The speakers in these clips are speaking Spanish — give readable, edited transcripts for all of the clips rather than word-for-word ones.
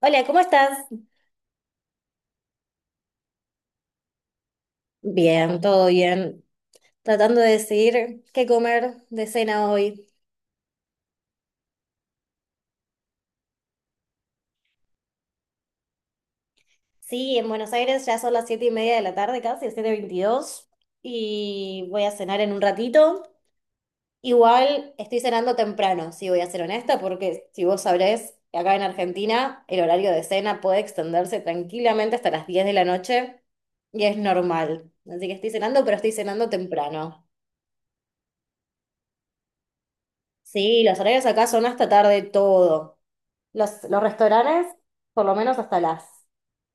Hola, ¿cómo estás? Bien, todo bien. Tratando de decidir qué comer de cena hoy. Sí, en Buenos Aires ya son las 7:30 de la tarde casi, 7:22, y voy a cenar en un ratito. Igual estoy cenando temprano, si voy a ser honesta, porque si vos sabrés, acá en Argentina el horario de cena puede extenderse tranquilamente hasta las 10 de la noche y es normal. Así que estoy cenando, pero estoy cenando temprano. Sí, los horarios acá son hasta tarde todo. Los restaurantes, por lo menos hasta las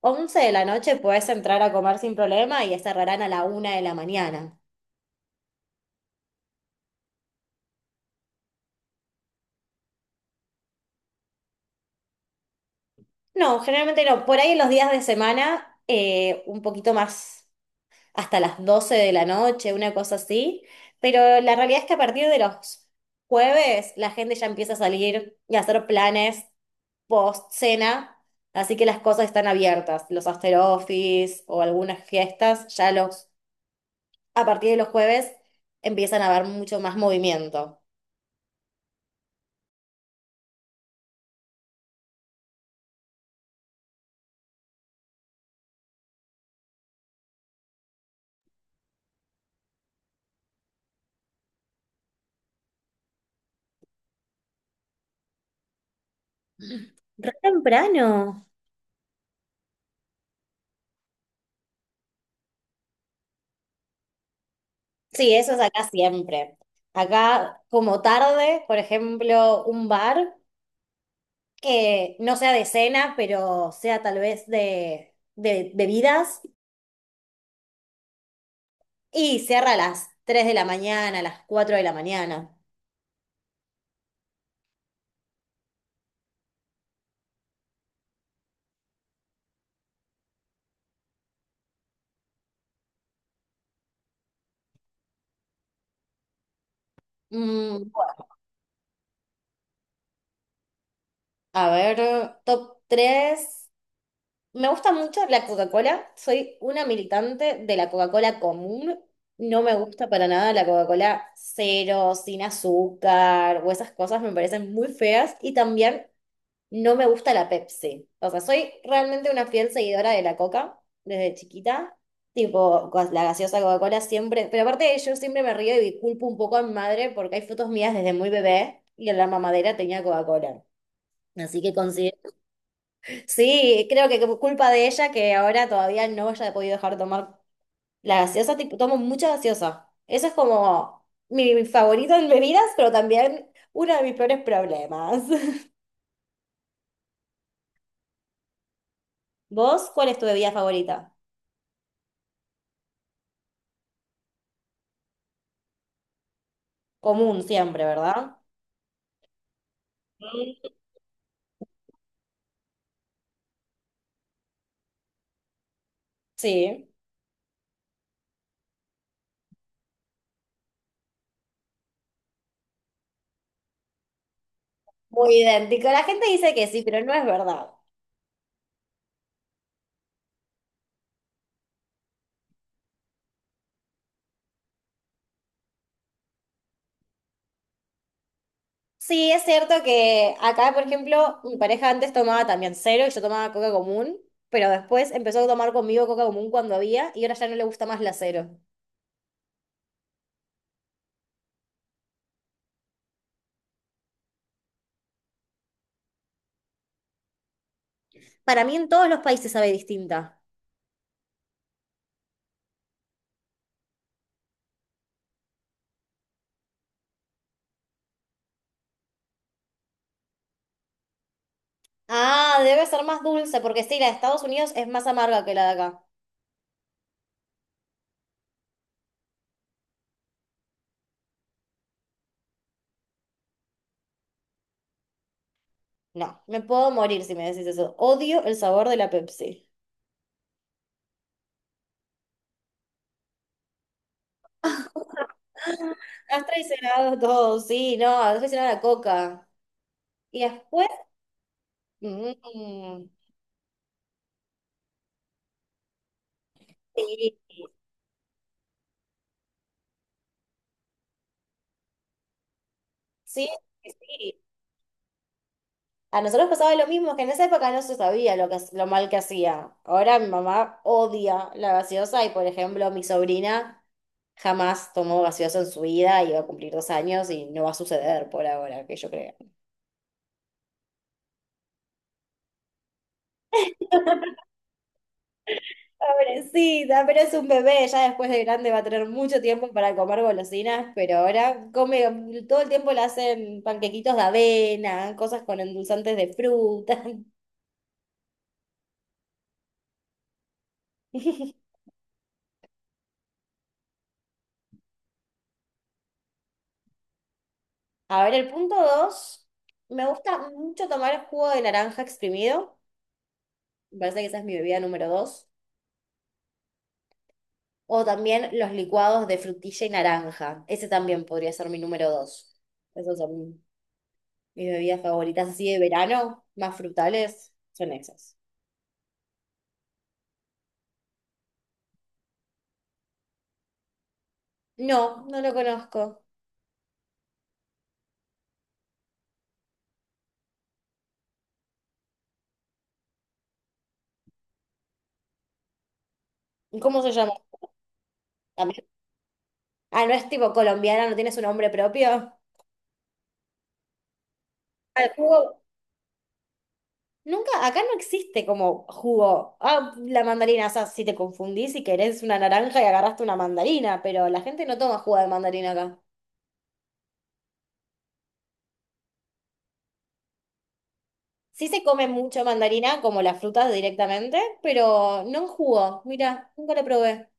11 de la noche, puedes entrar a comer sin problema y cerrarán a la 1 de la mañana. No, generalmente no. Por ahí en los días de semana, un poquito más, hasta las 12 de la noche, una cosa así. Pero la realidad es que a partir de los jueves la gente ya empieza a salir y a hacer planes post cena, así que las cosas están abiertas, los after office o algunas fiestas, ya los a partir de los jueves empiezan a haber mucho más movimiento. Re temprano. Sí, eso es acá siempre. Acá como tarde, por ejemplo, un bar que no sea de cena, pero sea tal vez de bebidas y cierra a las 3 de la mañana, a las 4 de la mañana. Mm, bueno, a ver, top 3. Me gusta mucho la Coca-Cola. Soy una militante de la Coca-Cola común. No me gusta para nada la Coca-Cola cero, sin azúcar o esas cosas me parecen muy feas. Y también no me gusta la Pepsi. O sea, soy realmente una fiel seguidora de la Coca desde chiquita. Tipo, la gaseosa Coca-Cola siempre. Pero aparte yo siempre me río y culpo un poco a mi madre porque hay fotos mías desde muy bebé y en la mamadera tenía Coca-Cola. Así que considero. Sí, creo que como culpa de ella que ahora todavía no haya podido dejar de tomar la gaseosa. Tipo, tomo mucha gaseosa. Eso es como mi favorito en bebidas, pero también uno de mis peores problemas. ¿Vos cuál es tu bebida favorita? Común siempre, ¿verdad? Mm. Sí. Muy idéntico. La gente dice que sí, pero no es verdad. Sí, es cierto que acá, por ejemplo, mi pareja antes tomaba también cero y yo tomaba coca común, pero después empezó a tomar conmigo coca común cuando había y ahora ya no le gusta más la cero. Para mí en todos los países sabe distinta. Ah, debe ser más dulce, porque sí, la de Estados Unidos es más amarga que la de acá. No, me puedo morir si me decís eso. Odio el sabor de la Pepsi. Has traicionado todo, sí, no, has traicionado la coca. Y después... Mm, sí, sí, sí. A nosotros pasaba lo mismo, que en esa época no se sabía lo que, lo mal que hacía. Ahora mi mamá odia la gaseosa y, por ejemplo, mi sobrina jamás tomó gaseosa en su vida y va a cumplir 2 años y no va a suceder por ahora, que yo creo. Pobrecita, pero es un bebé, ya después de grande va a tener mucho tiempo para comer golosinas, pero ahora come, todo el tiempo le hacen panquequitos de avena, cosas con endulzantes de fruta. A ver, el punto dos, me gusta mucho tomar el jugo de naranja exprimido, me parece que esa es mi bebida número dos, o también los licuados de frutilla y naranja, ese también podría ser mi número dos. Esas son mis bebidas favoritas así de verano, más frutales, son esas. No, no lo conozco. ¿Cómo se llama? También- Ah, no es tipo colombiana, no tiene su nombre propio. Ah, el jugo, nunca, acá no existe como jugo. Ah, la mandarina, o sea, si te confundís y querés una naranja y agarraste una mandarina, pero la gente no toma jugo de mandarina acá. Sí se come mucho mandarina, como las frutas directamente, pero no en jugo. Mira, nunca lo probé.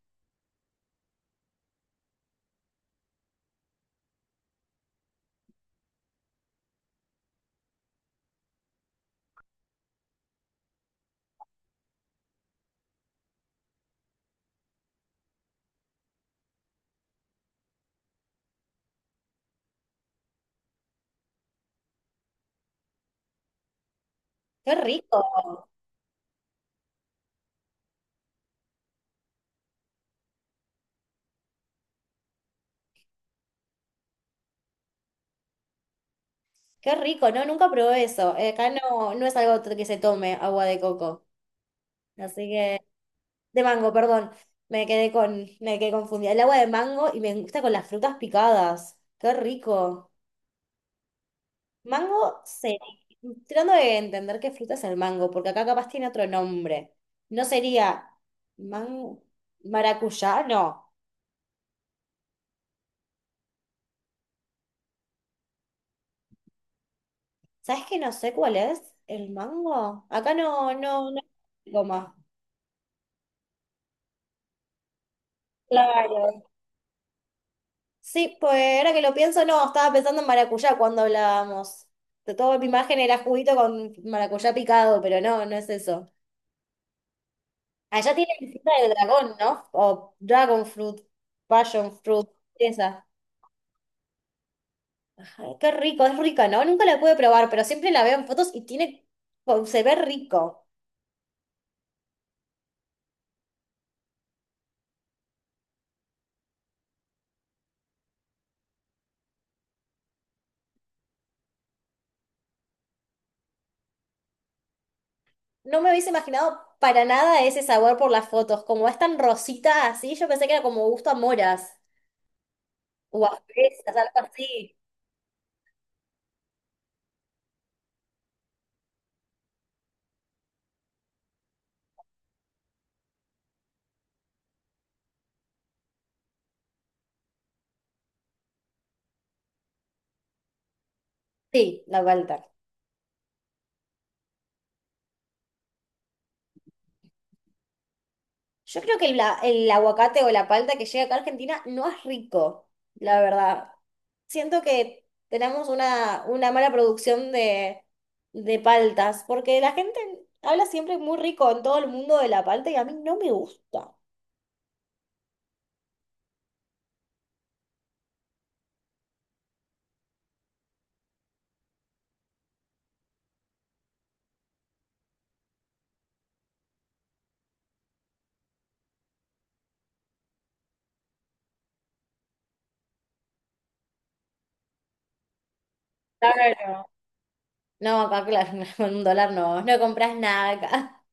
Qué rico, qué rico, no, nunca probé eso. Acá no, no es algo que se tome agua de coco. Así que, de mango, perdón. Me quedé confundida. El agua de mango y me gusta con las frutas picadas. Qué rico. Mango, sería, tratando de entender qué fruta es el mango, porque acá capaz tiene otro nombre. ¿No sería mango, maracuyá? No. ¿Sabes que no sé cuál es el mango? Acá no, no, no. Goma. Claro. Sí, pues ahora que lo pienso, no, estaba pensando en maracuyá cuando hablábamos. De toda mi imagen era juguito con maracuyá picado, pero no, no es eso. Allá tiene fruta de dragón, ¿no? O dragon fruit, passion fruit, esa. Ay, qué rico, es rica, ¿no? Nunca la pude probar, pero siempre la veo en fotos y tiene, oh, se ve rico. No me hubiese imaginado para nada ese sabor por las fotos. Como es tan rosita así, yo pensé que era como gusto a moras o a fresas, algo así. Sí, la vuelta. Yo creo que el, el aguacate o la palta que llega acá a Argentina no es rico, la verdad. Siento que tenemos una mala producción de, paltas, porque la gente habla siempre muy rico en todo el mundo de la palta y a mí no me gusta. Claro. No, acá, claro, con $1 no, no compras nada acá.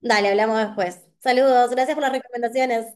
Dale, hablamos después. Saludos, gracias por las recomendaciones.